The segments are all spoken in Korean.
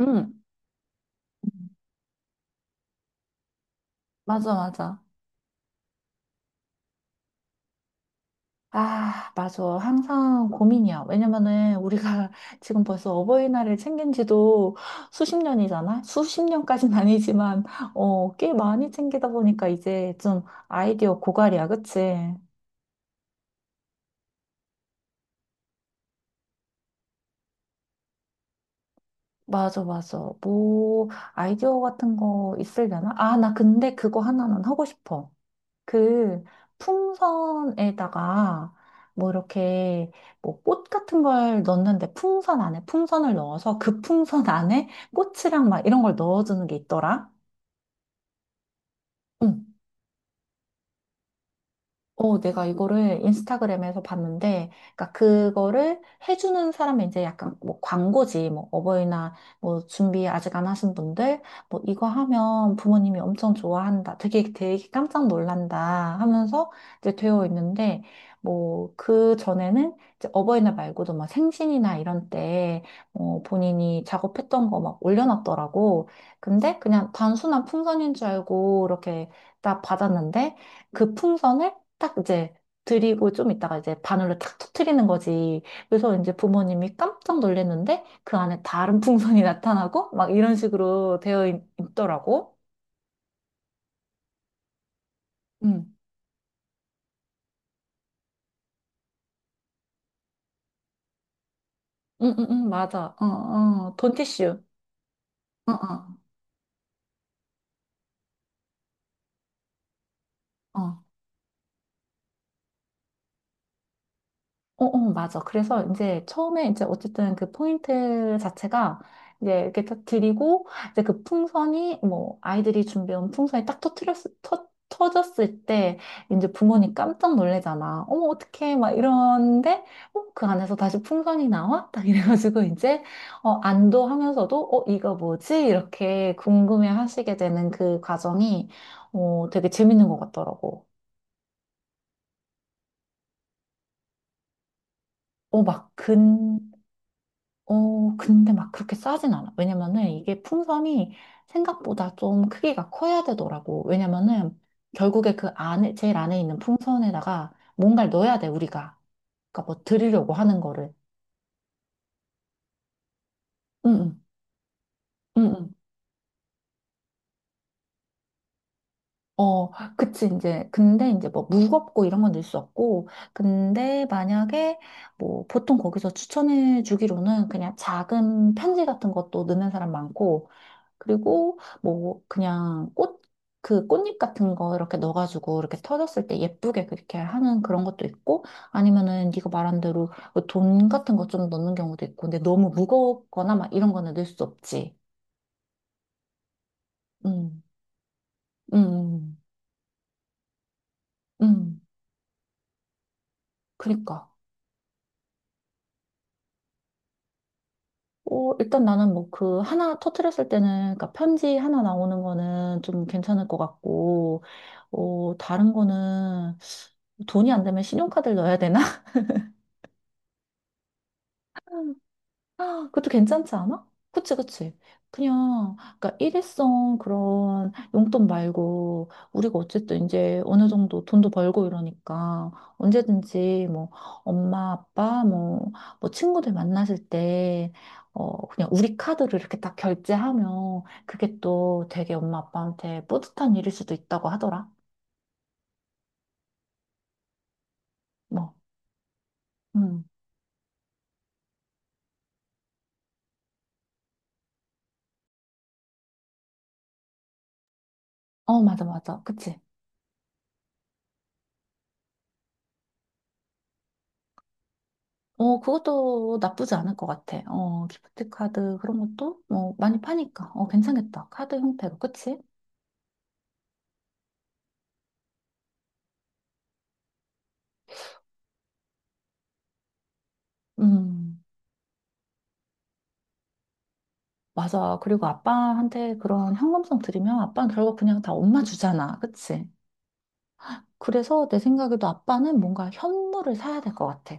응, 맞아, 맞아. 아, 맞아. 항상 고민이야. 왜냐면은 우리가 지금 벌써 어버이날을 챙긴 지도 수십 년이잖아? 수십 년까진 아니지만, 꽤 많이 챙기다 보니까 이제 좀 아이디어 고갈이야, 그치? 맞아, 맞아. 뭐, 아이디어 같은 거 있으려나? 아, 나 근데 그거 하나는 하고 싶어. 그 풍선에다가 뭐 이렇게 뭐 꽃 같은 걸 넣는데 풍선 안에 풍선을 넣어서 그 풍선 안에 꽃이랑 막 이런 걸 넣어주는 게 있더라. 응. 내가 이거를 인스타그램에서 봤는데, 그러니까 그거를 해주는 사람이 이제 약간 뭐 광고지, 뭐 어버이날 뭐 준비 아직 안 하신 분들, 뭐 이거 하면 부모님이 엄청 좋아한다, 되게 되게 깜짝 놀란다 하면서 이제 되어 있는데, 뭐 그 전에는 이제 어버이날 말고도 막 생신이나 이런 때, 본인이 작업했던 거 막 올려놨더라고. 근데 그냥 단순한 풍선인 줄 알고 이렇게 딱 받았는데, 그 풍선을 딱 이제 드리고 좀 있다가 이제 바늘로 탁 터트리는 거지. 그래서 이제 부모님이 깜짝 놀랐는데 그 안에 다른 풍선이 나타나고 막 이런 식으로 되어 있 더라고. 응, 응, 응, 응, 맞아. 어, 어, 돈티슈. 어, 어, 어. 어, 어, 맞아. 그래서 이제 처음에 이제 어쨌든 그 포인트 자체가 이제 이렇게 딱 드리고 이제 그 풍선이 뭐 아이들이 준비한 풍선이 딱 터졌을 때 이제 부모님 깜짝 놀래잖아. 어머, 어떡해. 막 이러는데 그 안에서 다시 풍선이 나와? 딱 이래가지고 이제 안도하면서도 이거 뭐지? 이렇게 궁금해 하시게 되는 그 과정이 되게 재밌는 것 같더라고. 어, 막 근, 근데 막 그렇게 싸진 않아. 왜냐면은 이게 풍선이 생각보다 좀 크기가 커야 되더라고. 왜냐면은 결국에 그 안에, 제일 안에 있는 풍선에다가 뭔가를 넣어야 돼, 우리가. 그러니까 뭐 드리려고 하는 거를. 응, 응, 응, 응. 어, 그치, 이제. 근데 이제 뭐 무겁고 이런 건 넣을 수 없고. 근데 만약에 뭐 보통 거기서 추천해 주기로는 그냥 작은 편지 같은 것도 넣는 사람 많고. 그리고 뭐 그냥 꽃, 그 꽃잎 같은 거 이렇게 넣어가지고 이렇게 터졌을 때 예쁘게 그렇게 하는 그런 것도 있고 아니면은 네가 말한 대로 뭐돈 같은 거 좀 넣는 경우도 있고 근데 너무 무겁거나 막 이런 거는 넣을 수 없지. 음, 음, 음, 음, 그러니까. 일단 나는 뭐 그 하나 터트렸을 때는 그러니까 편지 하나 나오는 거는 좀 괜찮을 것 같고 다른 거는 돈이 안 되면 신용카드를 넣어야 되나? 아, 그것도 괜찮지 않아? 그치, 그치. 그냥, 그러니까 일회성 그런 용돈 말고, 우리가 어쨌든 이제 어느 정도 돈도 벌고 이러니까, 언제든지 뭐, 엄마, 아빠, 뭐, 뭐, 친구들 만나실 때, 그냥 우리 카드로 이렇게 딱 결제하면, 그게 또 되게 엄마, 아빠한테 뿌듯한 일일 수도 있다고 하더라. 뭐, 음. 어, 맞아, 맞아. 그치. 그것도 나쁘지 않을 것 같아. 기프트 카드 그런 것도 뭐 많이 파니까. 괜찮겠다. 카드 형태로. 그치? 음, 맞아. 그리고 아빠한테 그런 현금성 드리면 아빠는 결국 그냥 다 엄마 주잖아. 그치? 그래서 내 생각에도 아빠는 뭔가 현물을 사야 될 것 같아.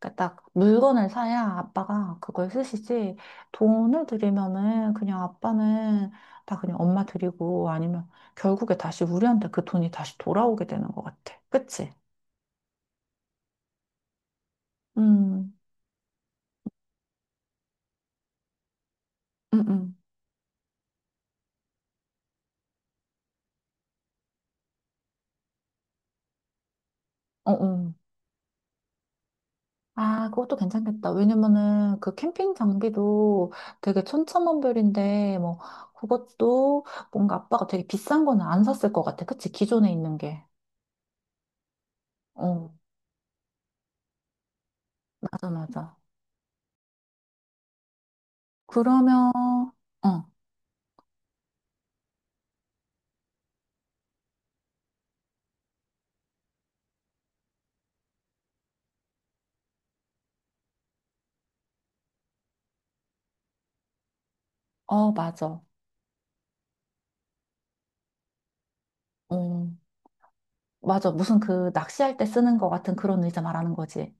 그러니까 딱 물건을 사야 아빠가 그걸 쓰시지. 돈을 드리면은 그냥 아빠는 다 그냥 엄마 드리고 아니면 결국에 다시 우리한테 그 돈이 다시 돌아오게 되는 것 같아. 그치? 음, 응, 응. 어, 어. 아, 그것도 괜찮겠다. 왜냐면은 그 캠핑 장비도 되게 천차만별인데, 뭐, 그것도 뭔가 아빠가 되게 비싼 거는 안 샀을 것 같아. 그치? 기존에 있는 게. 어, 맞아, 맞아. 그러면, 어, 어, 맞아. 어, 맞아. 무슨 그 낚시할 때 쓰는 것 같은 그런 의자 말하는 거지.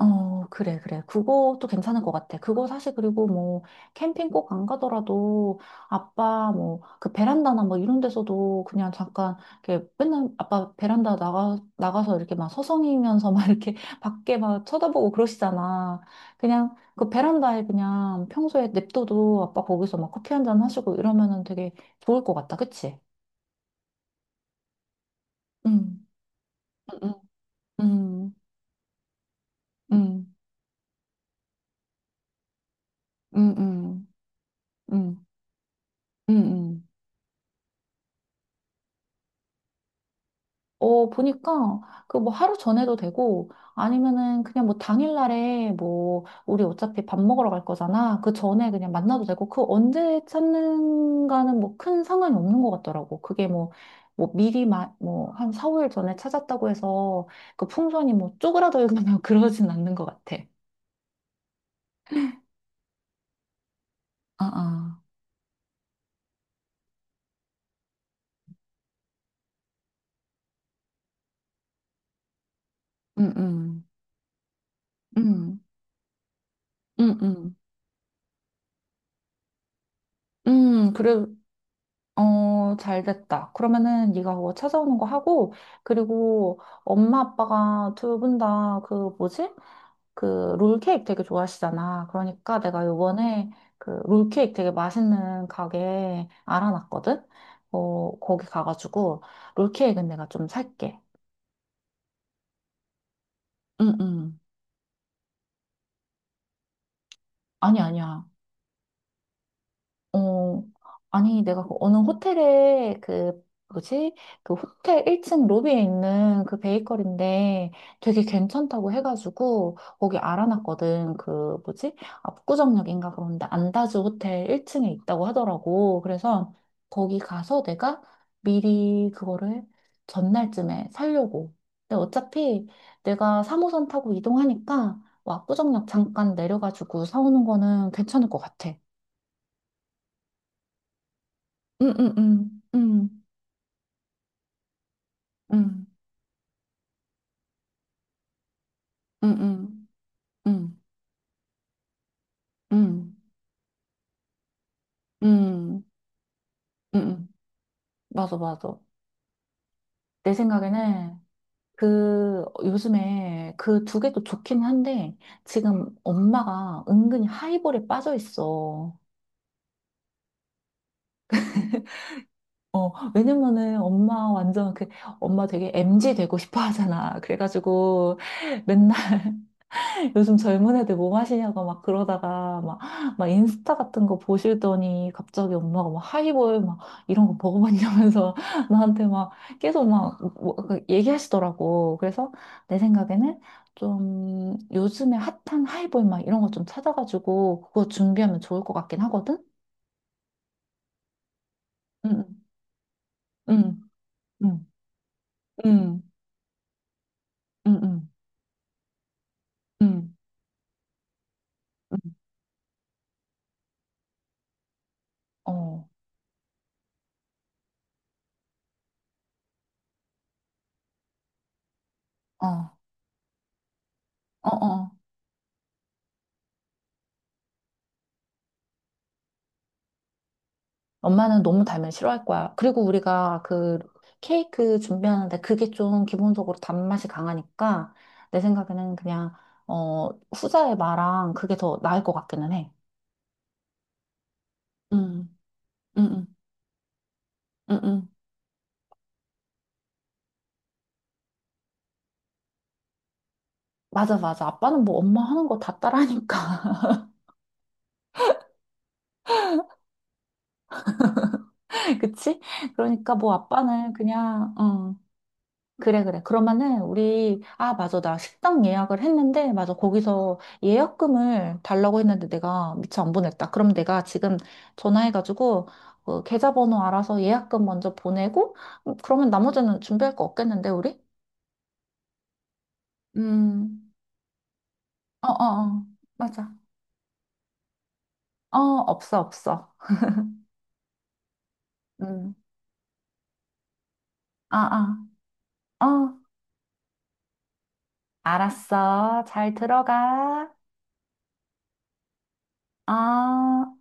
어, 그래, 그래. 그것도 괜찮은 것 같아. 그거 사실 그리고 뭐, 캠핑 꼭 안 가더라도, 아빠 뭐, 그 베란다나 뭐 이런 데서도 그냥 잠깐, 이렇게 맨날 아빠 베란다 나가서 이렇게 막 서성이면서 막 이렇게 밖에 막 쳐다보고 그러시잖아. 그냥 그 베란다에 그냥 평소에 냅둬도 아빠 거기서 막 커피 한 잔 하시고 이러면은 되게 좋을 것 같다. 그치? 응, 응, 응, 응, 응, 응, 응, 응, 응. 응. 보니까 그 뭐 하루 전에도 되고 아니면은 그냥 뭐 당일날에 뭐 우리 어차피 밥 먹으러 갈 거잖아. 그 전에 그냥 만나도 되고 그 언제 찾는가는 뭐 큰 상관이 없는 것 같더라고. 그게 뭐 뭐 미리 뭐한 4, 5일 전에 찾았다고 해서 그 풍선이 뭐 쪼그라들거나 그러진 않는 것 같아. 아, 아. 음, 음. 음, 음, 음. 그래, 잘 됐다. 그러면은 네가 그거 찾아오는 거 하고, 그리고 엄마 아빠가 2분 다 그 뭐지? 그 롤케이크 되게 좋아하시잖아. 그러니까 내가 요번에 그 롤케이크 되게 맛있는 가게 알아놨거든? 거기 가가지고 롤케이크는 내가 좀 살게. 응, 응. 아니, 아니야. 어, 아니, 내가 그 어느 호텔에 그, 뭐지? 그 호텔 1층 로비에 있는 그 베이커리인데 되게 괜찮다고 해가지고 거기 알아놨거든. 그, 뭐지? 압구정역인가 그런데 안다즈 호텔 1층에 있다고 하더라고. 그래서 거기 가서 내가 미리 그거를 전날쯤에 살려고. 근데 어차피 내가 3호선 타고 이동하니까 뭐 압구정역 잠깐 내려가지고 사오는 거는 괜찮을 것 같아. 음, 음, 음, 음, 음, 음, 음, 음, 음, 음, 음. 맞아, 맞아. 내 생각에는 그 요즘에 그 두 개도 좋긴 한데 지금 엄마가 은근히 하이볼에 빠져 있어. 왜냐면은 엄마 완전 그 엄마 되게 m 지 되고 싶어 하잖아. 그래가지고 맨날 요즘 젊은 애들 뭐 마시냐고 막 그러다가 막, 막 인스타 같은 거 보시더니 갑자기 엄마가 막 하이볼 막 이런 거 먹어봤냐면서 나한테 막 계속 막 그 얘기하시더라고. 그래서 내 생각에는 좀 요즘에 핫한 하이볼 막 이런 거 좀 찾아가지고 그거 준비하면 좋을 것 같긴 하거든? 응, 응, 응, 응, 응, 응, 응, 응, 응. 어, 어, 어, 어. 엄마는 너무 달면 싫어할 거야. 그리고 우리가 그 케이크 준비하는데 그게 좀 기본적으로 단맛이 강하니까 내 생각에는 그냥 후자의 마랑 그게 더 나을 것 같기는 해. 응, 응, 응, 응, 응. 맞아, 맞아. 아빠는 뭐 엄마 하는 거 다 따라하니까. 그치? 그러니까 뭐 아빠는 그냥. 그래, 그래. 그러면은 우리, 아, 맞아. 나 식당 예약을 했는데, 맞아. 거기서 예약금을 달라고 했는데 내가 미처 안 보냈다. 그럼 내가 지금 전화해가지고, 계좌번호 알아서 예약금 먼저 보내고, 그러면 나머지는 준비할 거 없겠는데, 우리? 음, 어, 어, 어. 맞아. 어, 없어, 없어. 음. 아, 아. 어, 알았어. 잘 들어가. 아.